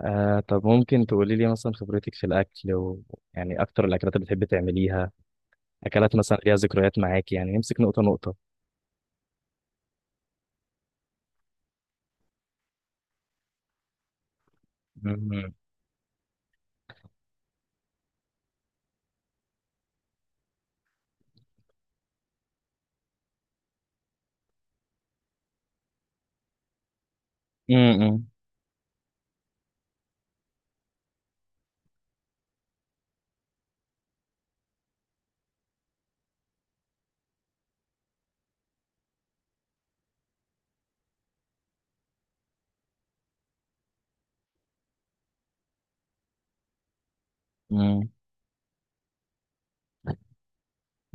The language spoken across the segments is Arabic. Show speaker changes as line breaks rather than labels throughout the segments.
آه، طب ممكن تقولي لي مثلا خبرتك في الأكل يعني أكتر الأكلات اللي بتحبي تعمليها. أكلات مثلا ليها ذكريات معاكي، يعني نمسك نقطة نقطة. مم. مم. مم.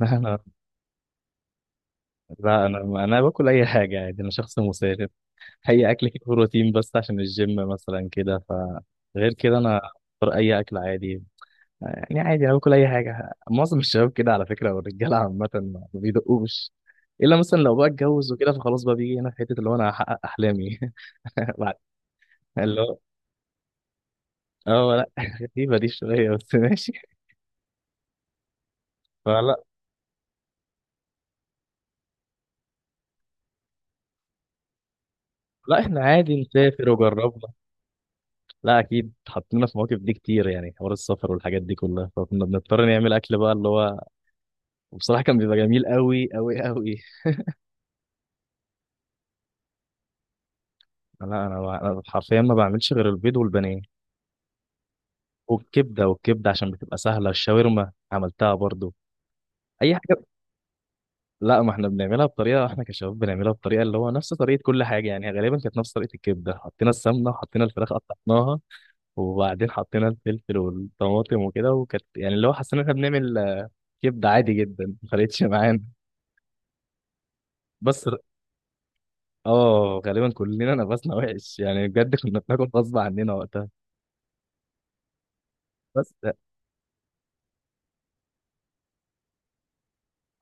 لا أنا. لا، أنا باكل أي حاجة عادي، أنا شخص مسالم. أي أكل كده، بروتين بس عشان الجيم مثلا كده، فغير كده أنا أختار أي أكل عادي. يعني عادي أنا باكل أي حاجة، معظم الشباب كده على فكرة، والرجالة عامة ما بيدقوش إلا مثلا لو بقى اتجوز وكده، فخلاص بقى بيجي هنا في حتة اللي هو أنا هحقق أحلامي بعد. اللي هو اه لا غريبة دي شوية بس ماشي. فلا. لا احنا عادي نسافر وجربنا. لا اكيد حطينا في مواقف دي كتير، يعني حوار السفر والحاجات دي كلها فكنا بنضطر نعمل اكل بقى اللي هو، وبصراحة كان بيبقى جميل قوي قوي قوي. لا انا ما- أنا حرفيا ما بعملش غير البيض والبانيه، والكبدة عشان بتبقى سهلة، الشاورما عملتها برضو. اي حاجة. لا ما احنا بنعملها بطريقة، احنا كشباب بنعملها بطريقة اللي هو نفس طريقة كل حاجة يعني، غالبا كانت نفس طريقة الكبدة، حطينا السمنة وحطينا الفراخ قطعناها، وبعدين حطينا الفلفل والطماطم وكده، وكانت يعني اللي هو حسينا إن احنا بنعمل كبده عادي جدا ما فرقتش معانا. بس ر- اه غالبا كلنا نفسنا وحش يعني، بجد كنا بناكل غصب عننا وقتها. بس اه.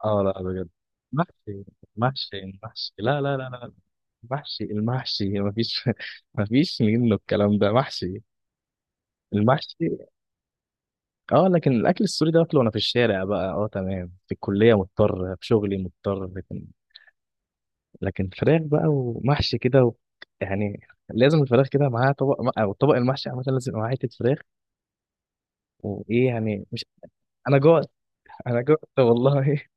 آه، لا بجد. محشي. محشي محشي، لا لا لا لا. محشي المحشي مفيش مفيش منه، الكلام ده محشي، المحشي. اه لكن الاكل السوري ده باكله وانا في الشارع بقى، اه تمام، في الكليه مضطر، في شغلي مضطر، لكن فراخ بقى ومحشي كده يعني، لازم الفراخ كده معاها طبق، او طبق المحشي عامه لازم يبقى معاه حته فراخ. وايه يعني، مش، انا جوعت. انا جوعت والله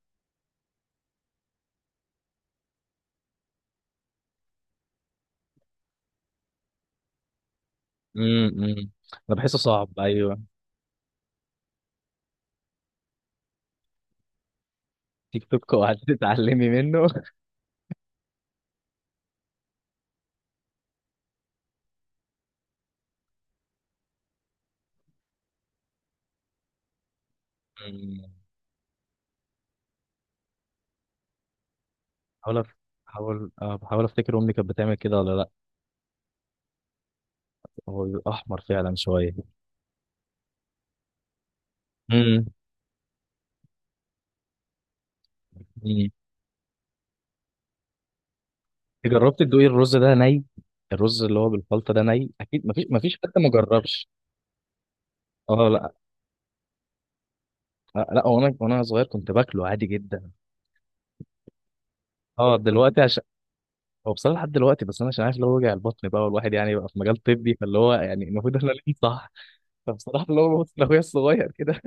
امم، انا بحسه صعب، ايوه. تيك توك، وقعدت تتعلمي منه. مم. بحاول أف- بحاول آه، بحاول افتكر امي كانت بتعمل كده ولا لا. هو بيبقى احمر فعلا شويه. امم. مم. جربت تدوقي الرز ده ني؟ الرز اللي هو بالخلطه ده ني، اكيد مفيش، حد ما جربش. اه لا. آه لا، وانا صغير كنت باكله عادي جدا. اه دلوقتي عشان، هو بصراحه لحد دلوقتي، بس انا عشان عارف اللي هو وجع البطن بقى، والواحد يعني بقى في مجال طبي، فاللي هو يعني المفروض احنا ليه صح. فبصراحه اللي هو بطن اخويا الصغير كده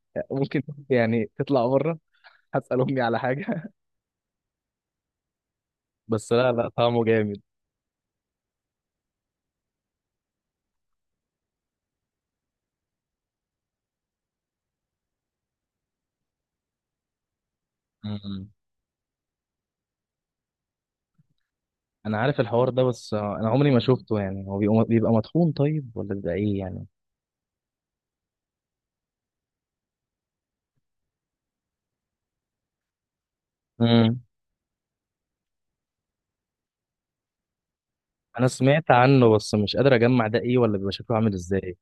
ممكن يعني تطلع بره. هسال امي على حاجه بس لا لا، طعمه جامد. أمم. انا عارف الحوار ده، بس انا عمري ما شفته، يعني هو بيبقى مطحون طيب، ولا بيبقى ايه يعني. امم. انا سمعت عنه، بس مش قادر اجمع ده ايه، ولا بيبقى شكله عامل ازاي.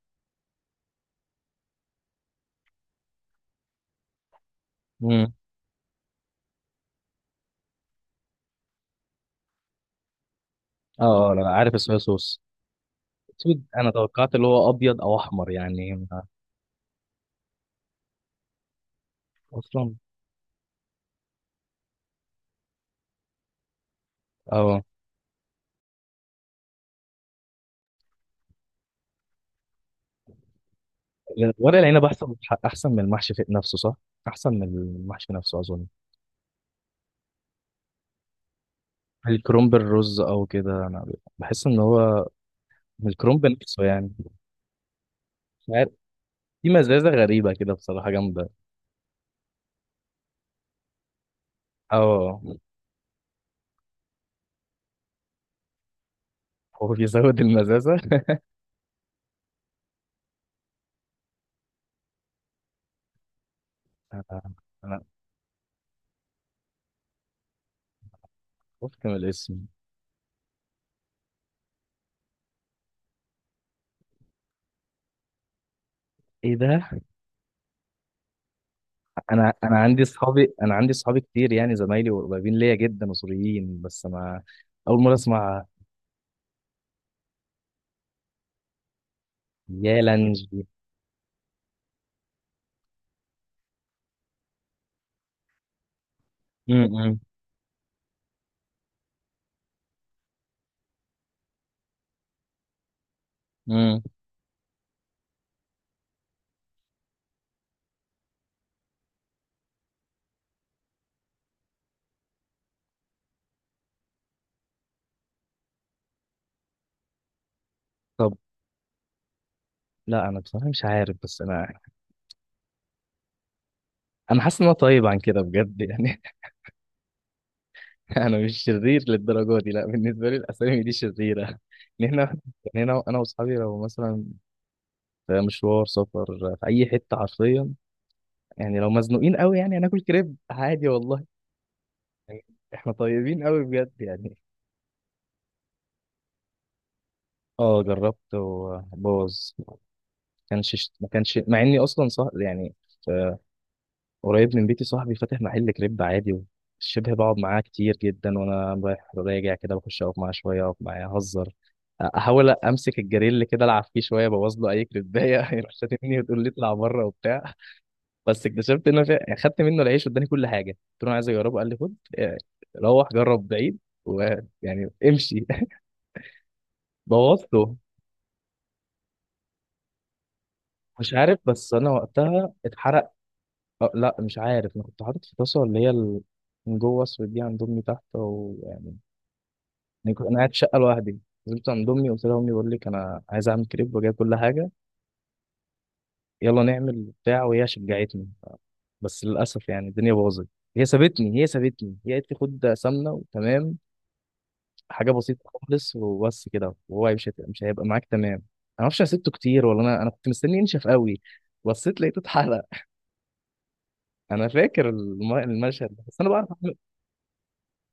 امم. اه اه لا عارف الصويا صوص. أكيد انا توقعت اللي هو ابيض او احمر يعني. اصلا. اه، لأن ورق العنب احسن، احسن من المحشي في نفسه صح، احسن من المحشي نفسه اظن. الكرنب الرز او كده، انا بحس ان هو، من الكرنب نفسه يعني. مش عارف. في مزازه غريبه كده بصراحه جامده. اه، هو بيزود المزازه. انا، أنا خفت من الاسم. ايه ده. انا عندي اصحابي كتير يعني، زمايلي وقريبين ليا جدا مصريين، بس انا اول مره اسمع. يا لانجي. امم. امم. طب لا، انا بصراحه مش عارف، بس انا، انا حاسس ان انا طيب عن كده بجد يعني انا مش شرير للدرجه دي، لا بالنسبه لي الاسامي دي شريره ان احنا يعني، انا واصحابي لو مثلا في مشوار سفر في اي حته حرفيا، يعني لو مزنوقين قوي يعني هناكل كريب عادي والله. يعني احنا طيبين قوي بجد يعني. اه جربت وبوظ، ما كانش مع اني اصلا صح يعني. قريب من بيتي صاحبي فاتح محل كريب عادي، شبه بقعد معاه كتير جدا، وانا رايح راجع كده بخش اقف معاه شويه، اقف معاه اهزر، احاول امسك الجريل كده العب فيه شويه، ابوظ له اي كريبايه يروح شاتمني وتقول لي اطلع بره وبتاع. بس اكتشفت خدت منه العيش واداني كل حاجه، قلت له أنا عايز اجربه، قال لي خد روح جرب بعيد، ويعني امشي بوظته. مش عارف، بس انا وقتها اتحرق. أه لا مش عارف، انا كنت حاطط في طاسه اللي هي من جوه اسود دي عند امي تحت ويعني. انا كنت قاعد في شقه لوحدي، نزلت عند امي، قلت لها امي بقول لك انا عايز اعمل كريب، وجايب كل حاجه، يلا نعمل بتاع، وهي شجعتني. بس للاسف يعني الدنيا باظت. هي سابتني، هي قالت لي خد سمنه وتمام، حاجه بسيطه خالص وبس كده، وهو مش هيبقى معاك تمام. انا معرفش انا سبته كتير، ولا انا كنت مستني ينشف قوي، بصيت لقيته اتحرق. انا فاكر المشهد ده. بس انا بعرف اعمل،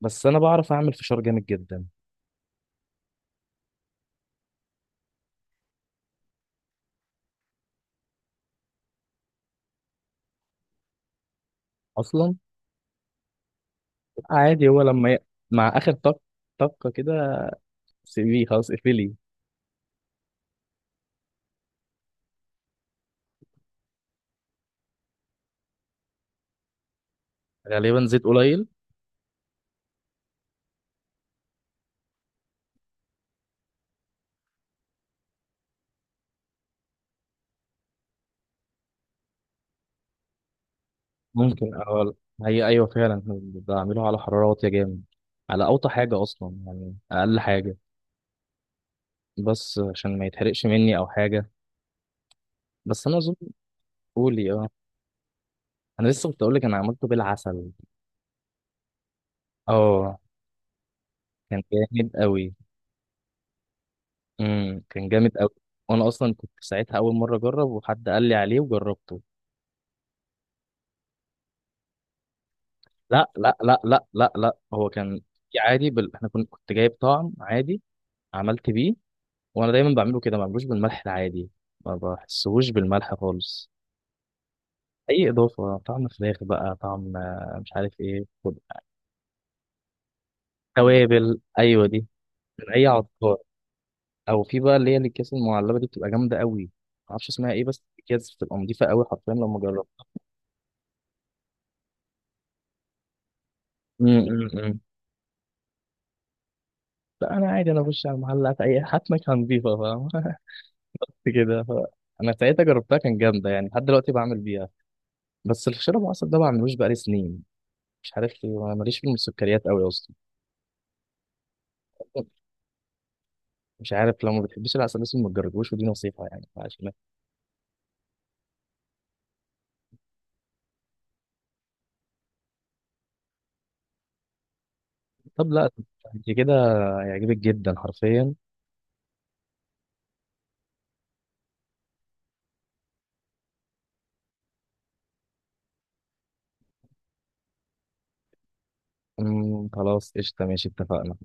فشار جامد جدا اصلا. عادي، مع اخر طقه كده، سي في خلاص اقفلي. غالبا زيت قليل. ممكن أو، هي أيوة فعلا احنا بعمله على حرارة واطية جامد، على أوطى حاجة أصلا يعني أقل حاجة، بس عشان ما يتحرقش مني أو حاجة، بس أنا أظن. قولي أه. أنا لسه كنت أقولك أنا عملته بالعسل. أه. كان جامد أوي. امم، كان جامد أوي. وأنا أصلا كنت ساعتها أول مرة أجرب، وحد قال لي عليه وجربته. لا لا لا لا لا لا، هو كان عادي إحنا كنت جايب طعم عادي، عملت بيه، وانا دايما بعمله كده، ما بعملوش بالملح العادي، ما بحسهوش بالملح خالص. اي اضافه، طعم فراخ بقى، طعم مش عارف ايه، خد. توابل، ايوه دي. من اي عطار، او في بقى اللي هي الاكياس المعلبه دي بتبقى جامده قوي، ما اعرفش اسمها ايه، بس الاكياس بتبقى نضيفه قوي حرفيا لما جربت. أمم أمم أمم. لا انا عادي، انا بخش على المحلات اي هات مكان نضيفه، فاهم كده انا ساعتها جربتها كان جامده، يعني لحد دلوقتي بعمل بيها. بس الفشار ابو عسل ده ما بعملوش بقالي سنين، مش عارف ليه، أنا ماليش في السكريات قوي اصلا. مش عارف، لو ما بتحبيش العسل الاسود ما تجربوش، ودي نصيحه يعني عشان. طب لا، انت كده، هيعجبك جدا حرفيا. أمم، خلاص قشطه، ماشي اتفقنا.